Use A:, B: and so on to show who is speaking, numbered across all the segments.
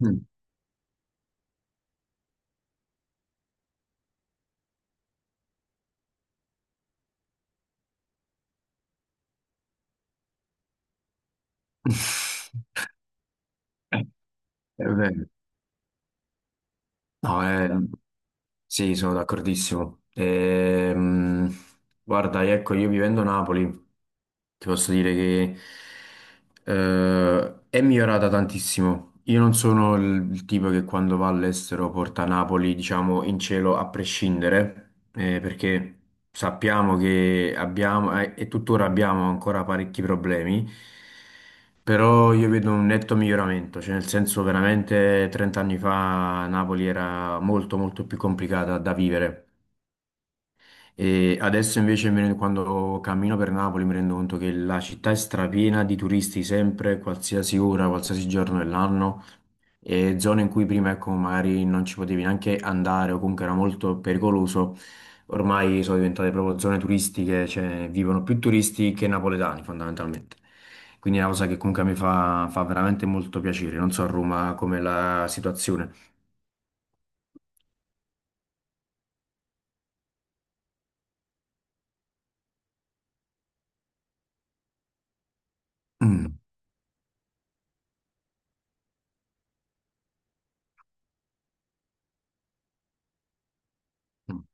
A: Mm. È vero. No, è- Sì, sono d'accordissimo. Guarda, ecco, io vivendo a Napoli, ti posso dire che è migliorata tantissimo. Io non sono il tipo che quando va all'estero porta Napoli, diciamo, in cielo a prescindere, perché... sappiamo che abbiamo e tuttora abbiamo ancora parecchi problemi, però io vedo un netto miglioramento, cioè nel senso veramente 30 anni fa Napoli era molto molto più complicata da vivere e adesso invece quando cammino per Napoli mi rendo conto che la città è strapiena di turisti sempre, qualsiasi ora, qualsiasi giorno dell'anno e zone in cui prima, ecco, magari non ci potevi neanche andare o comunque era molto pericoloso, ormai sono diventate proprio zone turistiche, cioè vivono più turisti che napoletani fondamentalmente. Quindi è una cosa che comunque a me fa veramente molto piacere. Non so a Roma com'è la situazione. Mm. Mm.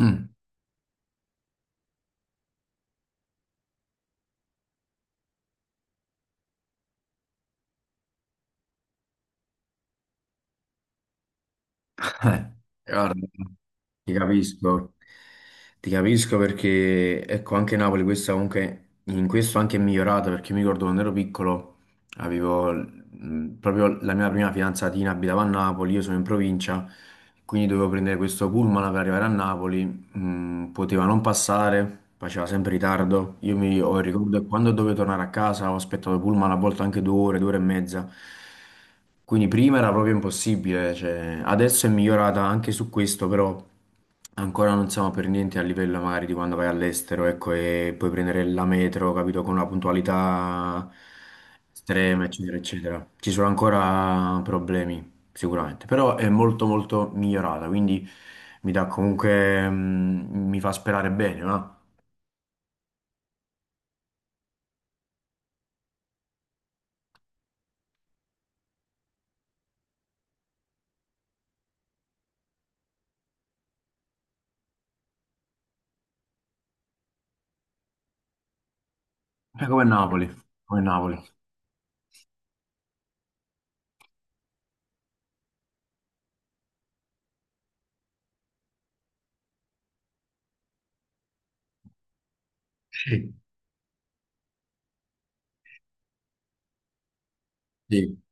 A: Mm. Eh, guarda. Ti capisco, ti capisco perché ecco anche Napoli questa comunque in questo anche è migliorata perché mi ricordo quando ero piccolo avevo proprio la mia prima fidanzatina abitava a Napoli, io sono in provincia, quindi dovevo prendere questo pullman per arrivare a Napoli poteva non passare, faceva sempre ritardo. Io mi ho il ricordo che quando dovevo tornare a casa ho aspettato il pullman a volte anche 2 ore, 2 ore e mezza. Quindi prima era proprio impossibile, cioè, adesso è migliorata anche su questo, però ancora non siamo per niente a livello magari di quando vai all'estero, ecco, e puoi prendere la metro, capito, con una puntualità estrema, eccetera, eccetera. Ci sono ancora problemi sicuramente, però è molto molto migliorata, quindi mi dà comunque, mi fa sperare bene, no? È come Napoli, come Napoli. Sì, sì,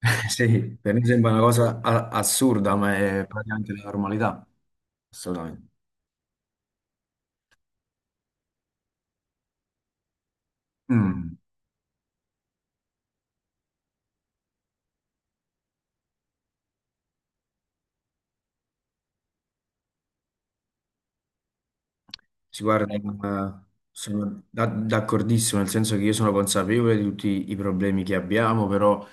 A: sì, per me sembra una cosa assurda, ma è praticamente la normalità. Assolutamente. Mm. Si guarda, sono d'accordissimo, nel senso che io sono consapevole di tutti i problemi che abbiamo, però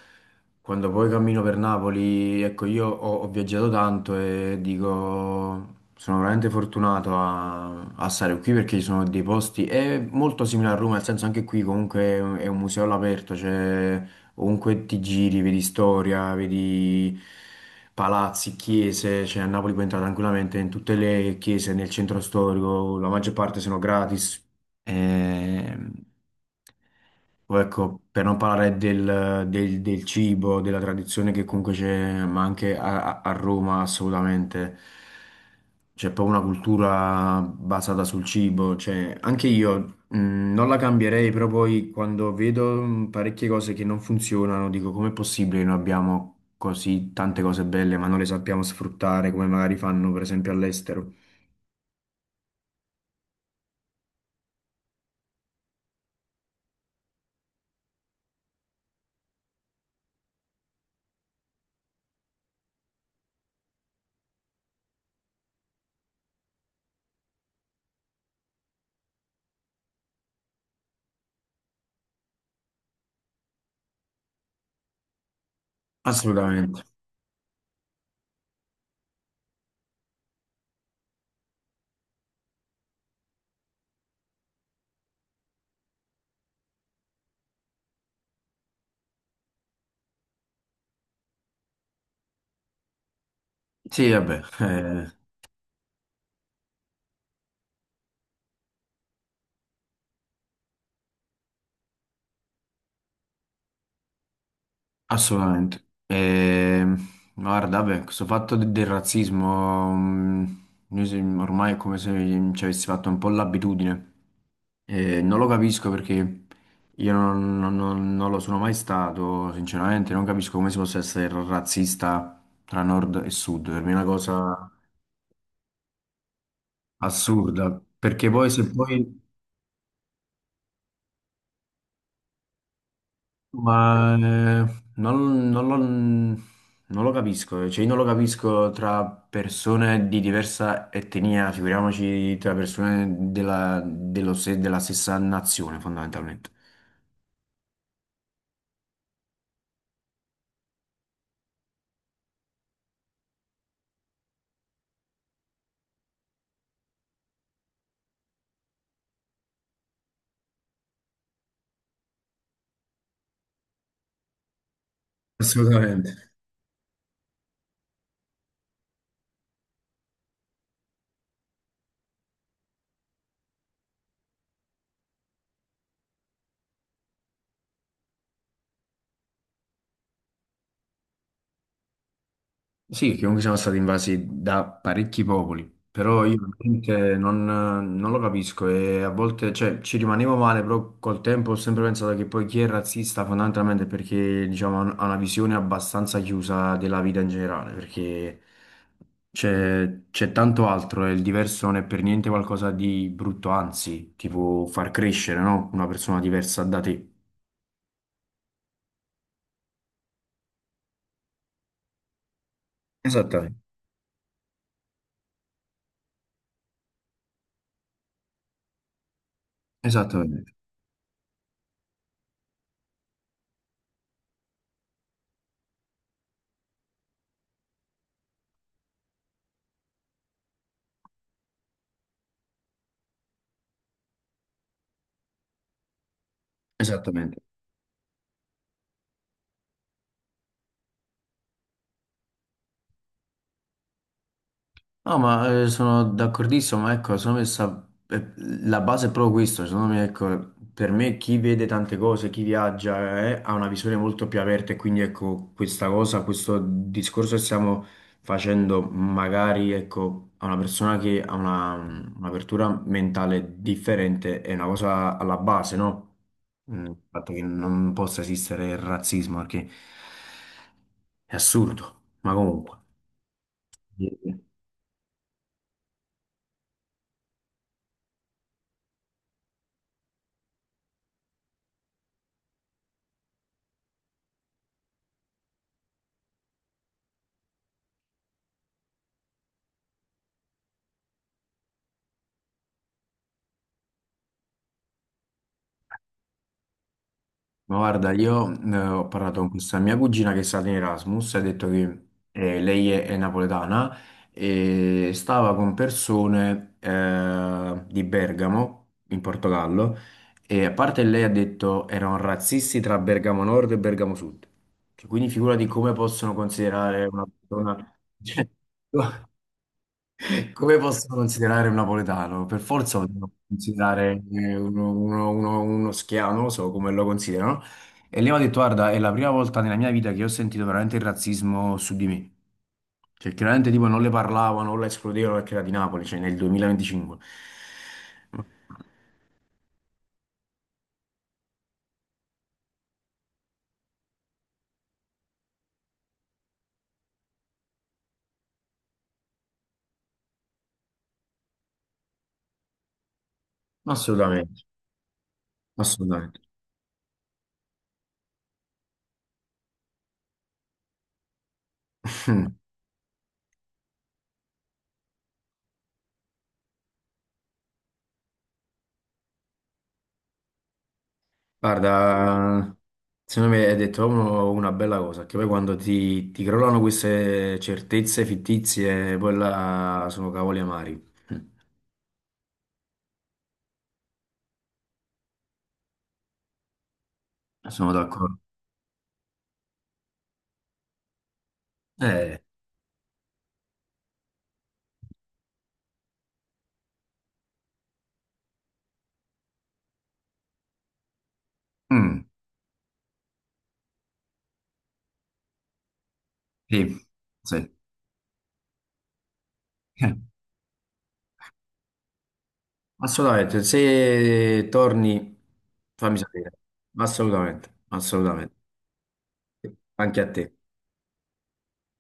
A: quando poi cammino per Napoli, ecco, io ho, ho viaggiato tanto e dico, sono veramente fortunato a, a stare qui perché ci sono dei posti, è molto simile a Roma, nel senso anche qui comunque è un museo all'aperto, cioè ovunque ti giri, vedi storia, vedi palazzi, chiese, cioè a Napoli puoi entrare tranquillamente in tutte le chiese nel centro storico, la maggior parte sono gratis. Ehm, o ecco, per non parlare del cibo, della tradizione che comunque c'è, ma anche a, a Roma assolutamente. C'è proprio una cultura basata sul cibo. Cioè, anche io non la cambierei, però poi quando vedo parecchie cose che non funzionano, dico com'è possibile che noi abbiamo così tante cose belle, ma non le sappiamo sfruttare come magari fanno per esempio all'estero. Assolutamente. Sì, vabbè, assolutamente. E, guarda, vabbè, questo fatto del razzismo, noi ormai è come se ci avessi fatto un po' l'abitudine. E non lo capisco perché io non, non lo sono mai stato, sinceramente, non capisco come si possa essere razzista tra nord e sud. Per me è una cosa assurda, perché poi se poi... Ma non, non lo, non lo capisco, cioè io non lo capisco tra persone di diversa etnia, figuriamoci tra persone della, dello se- della stessa nazione fondamentalmente. Assolutamente. Sì, che comunque siamo stati invasi da parecchi popoli, però io veramente non, non lo capisco e a volte cioè, ci rimanevo male, però col tempo ho sempre pensato che poi chi è razzista fondamentalmente è perché diciamo, ha una visione abbastanza chiusa della vita in generale, perché c'è tanto altro e il diverso non è per niente qualcosa di brutto, anzi, tipo far crescere, no? Una persona diversa da te. Esattamente, esattamente, esattamente. No, ma sono d'accordissimo, ma ecco, la base è proprio questo, secondo me, ecco, per me chi vede tante cose, chi viaggia, ha una visione molto più aperta e quindi ecco, questa cosa, questo discorso che stiamo facendo, magari ecco, a una persona che ha un'apertura mentale differente, è una cosa alla base, no? Mm, il fatto che non possa esistere il razzismo, perché è assurdo, ma comunque. Ma guarda, io ho parlato con questa mia cugina che è stata in Erasmus, ha detto che è napoletana e stava con persone di Bergamo, in Portogallo, e a parte lei ha detto erano razzisti tra Bergamo Nord e Bergamo Sud. Cioè, quindi figurati come possono considerare una persona... Cioè, come posso considerare un napoletano? Per forza lo devo considerare uno schiavo, non lo so come lo considerano. E lei mi ha detto, guarda, è la prima volta nella mia vita che ho sentito veramente il razzismo su di me. Cioè, chiaramente tipo non le parlavano, non la escludevano perché era di Napoli, cioè nel 2025. Assolutamente, assolutamente. Guarda, secondo me hai detto proprio una bella cosa, che poi quando ti crollano queste certezze fittizie, poi là sono cavoli amari. Sono d'accordo. Eh, mm, sì, sì. Eh, assolutamente, se torni fammi sapere. Assolutamente, assolutamente. Anche a te.